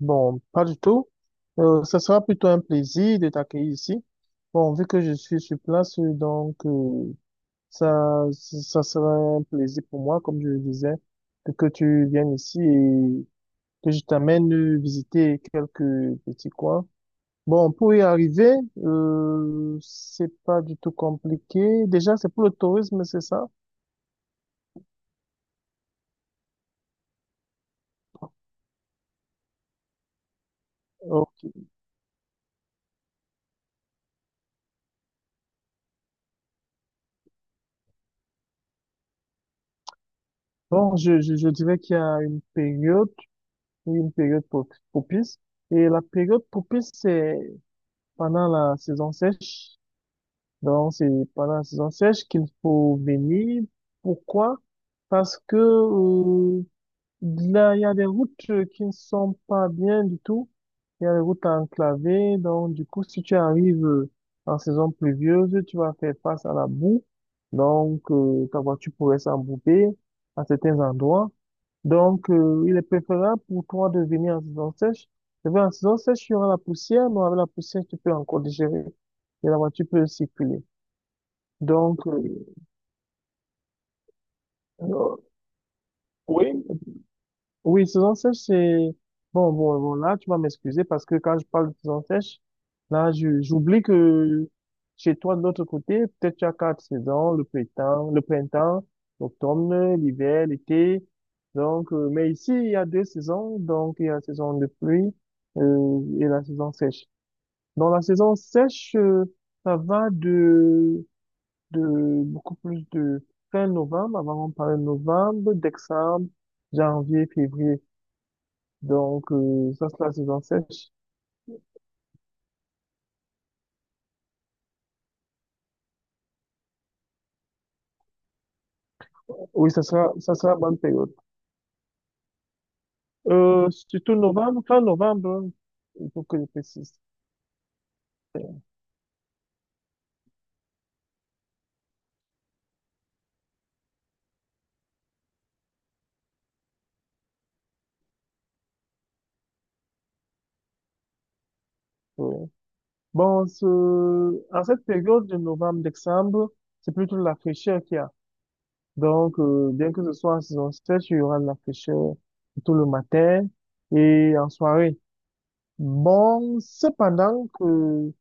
Bon, pas du tout. Ça sera plutôt un plaisir de t'accueillir ici. Bon, vu que je suis sur place, donc ça sera un plaisir pour moi, comme je le disais, que tu viennes ici et que je t'amène visiter quelques petits coins. Bon, pour y arriver, c'est pas du tout compliqué. Déjà, c'est pour le tourisme, c'est ça? Oh, bon, je dirais qu'il y a une période propice. Et la période propice, c'est pendant la saison sèche. Donc, c'est pendant la saison sèche qu'il faut venir. Pourquoi? Parce que, là, il y a des routes qui ne sont pas bien du tout. Il y a des routes enclavées. Donc, du coup, si tu arrives en saison pluvieuse, tu vas faire face à la boue. Donc, ta voiture pourrait s'embourber à certains endroits. Donc, il est préférable pour toi de venir en saison sèche. Et bien, en saison sèche, il y aura la poussière, mais avec la poussière, tu peux encore digérer et la voiture peut circuler. Donc, euh, oui, oui, saison sèche, c'est. Bon, bon, bon, là, tu vas m'excuser parce que quand je parle de saison sèche, là, j'oublie que chez toi, de l'autre côté, peut-être tu as quatre saisons, le printemps, l'automne, l'hiver, l'été. Donc, mais ici, il y a deux saisons. Donc, il y a la saison de pluie, et la saison sèche. Dans la saison sèche, ça va de beaucoup plus de fin novembre, avant on parle de novembre, décembre, janvier, février. Donc, ça sera la saison sèche. Oui, ça sera la bonne période. Surtout novembre, fin novembre, il faut que je précise. Oui. Bon, en cette période de novembre, décembre, c'est plutôt la fraîcheur qu'il y a. Donc, bien que ce soit en saison sèche, il y aura de la fraîcheur tout le matin et en soirée. Bon, cependant que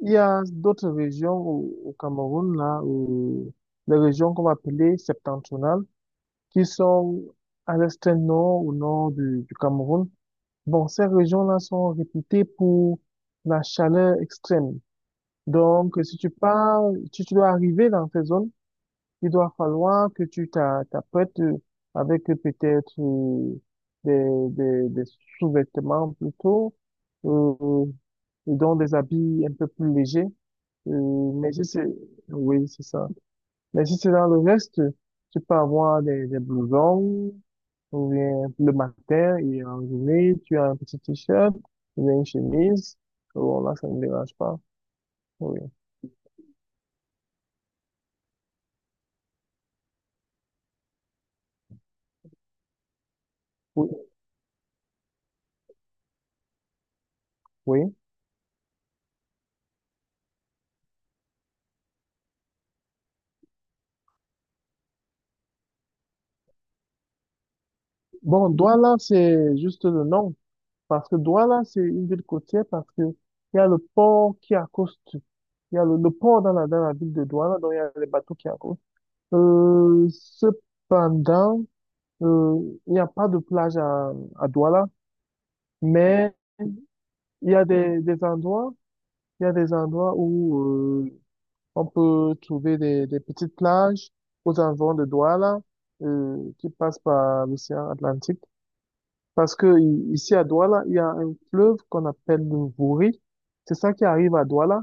il y a d'autres régions au Cameroun, là, les régions qu'on va appeler septentrionales, qui sont à l'est nord au nord du Cameroun. Bon, ces régions-là sont réputées pour la chaleur extrême. Donc, si tu pars, si tu dois arriver dans ces zones, il doit falloir que tu t'apprêtes avec peut-être des sous-vêtements plutôt, euh, et donc des habits un peu plus légers. Mais si c'est, Oui, c'est ça. Mais si c'est dans le reste, tu peux avoir des blousons, ou bien le matin et en journée, tu as un petit t-shirt, ou bien une chemise. Bon, là, ça ne me dérange pas. Oui. Oui. Oui. Bon, Douala, c'est juste le nom. Parce que Douala, c'est une ville côtière parce que il y a le port qui accoste. Il y a le port dans dans la ville de Douala, donc il y a les bateaux qui accostent. Cependant, euh, il n'y a pas de plage à Douala, mais il y a des endroits, il y a des endroits où euh, on peut trouver des petites plages aux environs de Douala qui passent par l'océan Atlantique. Parce que ici à Douala, il y a un fleuve qu'on appelle le Wouri. C'est ça qui arrive à Douala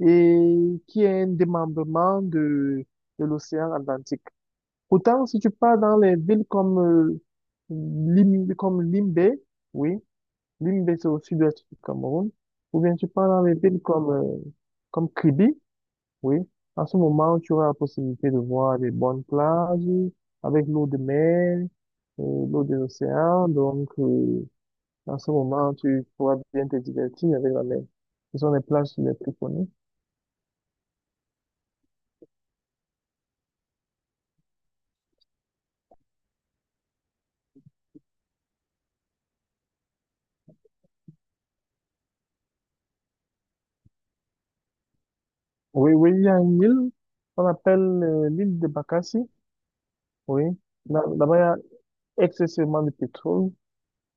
et qui est un démembrement de l'océan Atlantique. Pourtant, si tu pars dans les villes comme, comme Limbé, oui, Limbé c'est au sud-ouest du Cameroun, ou bien tu pars dans les villes comme, comme Kribi, oui, à ce moment, tu auras la possibilité de voir les bonnes plages avec l'eau de mer, l'eau de l'océan. Donc, à ce moment, tu pourras bien te divertir avec la mer. Ce sont les plages les plus connues. Oui, oui, il y a une île qu'on appelle l'île de Bakassi. Oui, là-bas, il y a excessivement de pétrole.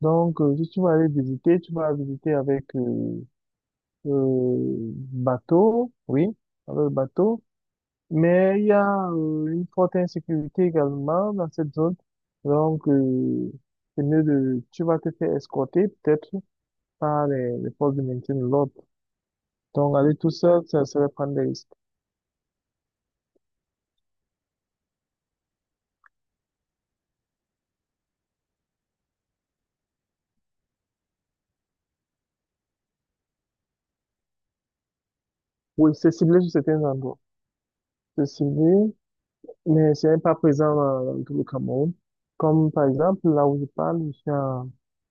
Donc, si tu vas aller visiter, tu vas visiter avec bateau. Oui, avec le bateau. Mais il y a une forte insécurité également dans cette zone. Donc, c'est mieux de, tu vas te faire escorter peut-être par les forces de maintien de l'ordre. Donc, aller tout seul, ça serait prendre des risques. Oui, c'est ciblé sur certains endroits. C'est ciblé, mais ce n'est pas présent dans tout le Cameroun. Comme par exemple, là où je parle, je suis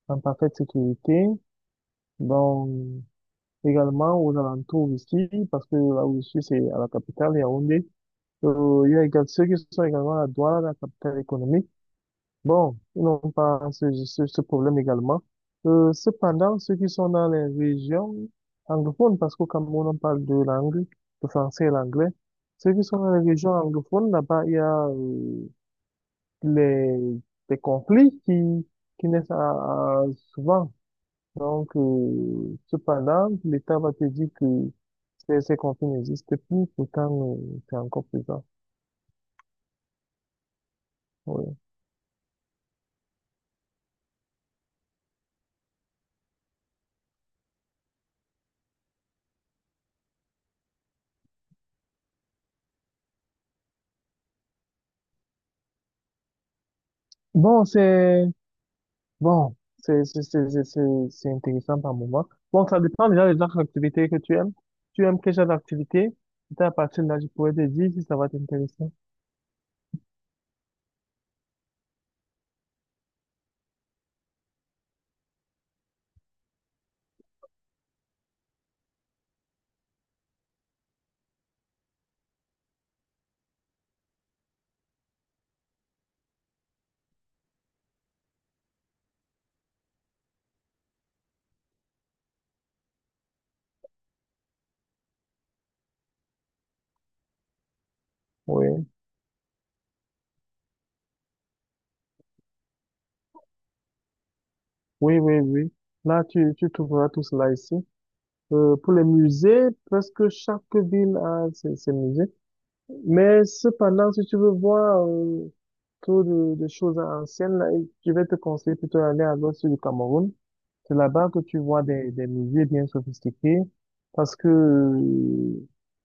en parfaite sécurité. Donc, également aux alentours ici, parce que là où je suis, c'est à la capitale, Yaoundé. Il y a également ceux qui sont également à Douala, la capitale économique. Bon, ils n'ont pas ce problème également. Cependant, ceux qui sont dans les régions anglophones, parce qu'au Cameroun, on parle deux langues, le français et l'anglais. Ceux qui sont dans les régions anglophones, là-bas, il y a les, des conflits qui naissent souvent. Donc, cependant, l'État va te dire que ces conflits n'existent plus, pourtant, c'est encore présent. Oui. Bon, bon, c'est c'est c'est c'est c'est- c'est intéressant par moment. Bon, ça dépend déjà des autres activités que tu aimes. Tu aimes quel genre d'activité? C'est à partir de là, je pourrais te dire si ça va t'intéresser. Oui, oui, oui, oui. Là, tu trouveras tout cela ici. Pour les musées, presque chaque ville a ses musées. Mais cependant, si tu veux voir trop de choses anciennes, là, je vais te conseiller plutôt d'aller à l'ouest du Cameroun. C'est là-bas que tu vois des musées bien sophistiqués. Parce que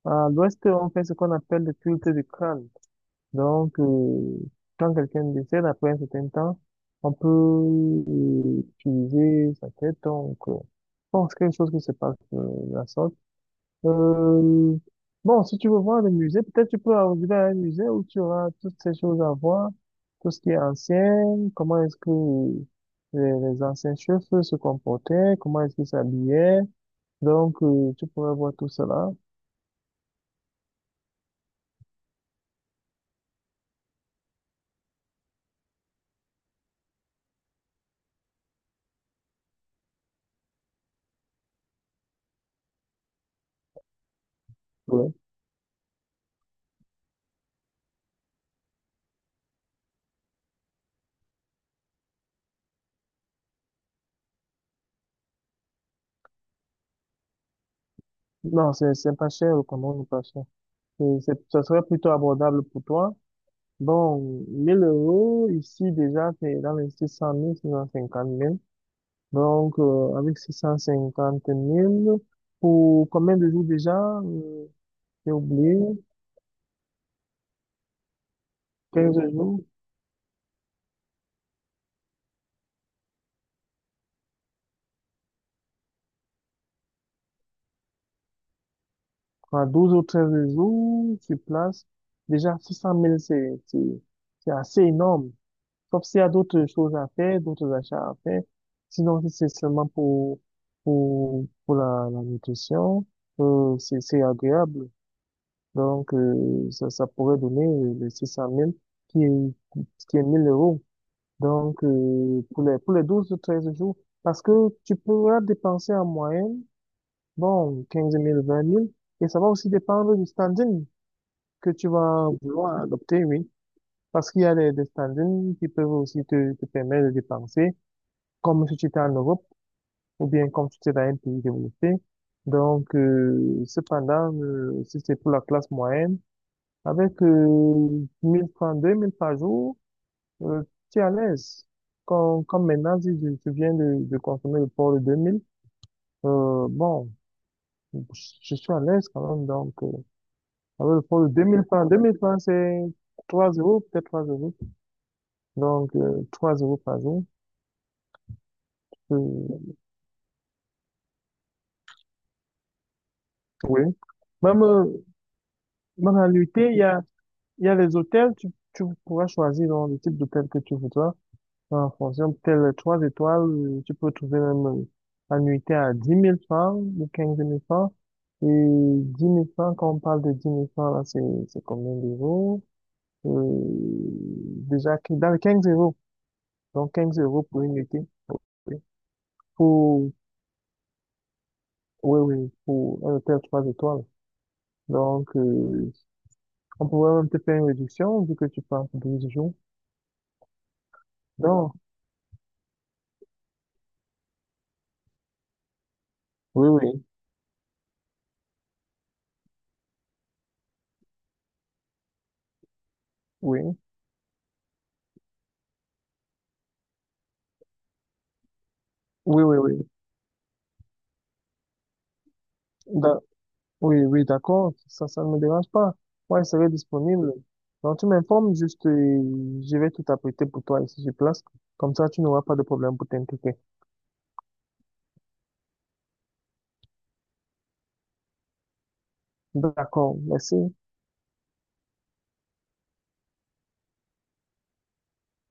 à l'ouest, on fait ce qu'on appelle le culte du crâne. Donc, quand quelqu'un décède après un certain temps, on peut utiliser sa tête. Donc, bon, c'est quelque chose qui se passe de la sorte. Euh, bon, si tu veux voir le musée, peut-être tu peux arriver à un musée où tu auras toutes ces choses à voir, tout ce qui est ancien, comment est-ce que les anciens chefs se comportaient, comment est-ce qu'ils s'habillaient. Donc, tu pourrais voir tout cela. Ouais. Non, c'est pas cher, comment nous pas cher. Ça serait plutôt abordable pour toi. Bon, 1000 euros, ici déjà, c'est dans les 600 000, 650 000. Donc, avec 650 000, pour combien de jours déjà? Euh, J'ai oublié. 15 jours, enfin, 12 ou 13 jours sur place. Déjà, 600 000, c'est assez énorme. Sauf s'il y a d'autres choses à faire, d'autres achats à faire. Sinon, si c'est seulement pour la nutrition, c'est agréable. Donc, ça pourrait donner les 600 000, qui est, qui est 1000 euros. Donc, pour les 12 ou 13 jours, parce que tu pourras dépenser en moyenne, bon, 15 000 20 000 et ça va aussi dépendre du standing que tu vas vouloir adopter, oui. Parce qu'il y a des standings qui peuvent aussi te permettre de dépenser, comme si tu étais en Europe, ou bien comme si tu étais dans un pays développé. Donc, cependant, si c'est pour la classe moyenne, avec 1000 francs, 2000 francs par jour. Euh, Tu es à l'aise. Comme maintenant, si tu viens de consommer le port de 2000, bon, je je suis à l'aise quand même. Donc, avec le port de 2000 francs, c'est 3 euros, peut-être 3 euros. Donc, 3 € par jour. Euh, oui. Même, même en réalité, il y a les hôtels, tu pourras choisir donc, le type d'hôtel que tu voudras. En fonction de telle trois étoiles, tu peux trouver même la nuitée à 10 000 francs ou 15 000 francs. Et 10 000 francs, quand on parle de 10 000 francs, là, c'est combien d'euros? Euh, Déjà, dans les 15 euros. Donc, 15 € pour une nuitée. Oui. Pour, oui, oui, pour un hôtel trois étoiles. Donc, on pourrait même te faire une réduction vu que tu pars pour 12 jours. Donc, oui, oui, oui, oui, oui, oui. Oui, oui, d'accord, ça ne me dérange pas. Moi, je serai disponible. Donc, tu m'informes juste, je vais tout apprêter pour toi ici sur place. Comme ça, tu n'auras pas de problème pour t'impliquer. D'accord, merci.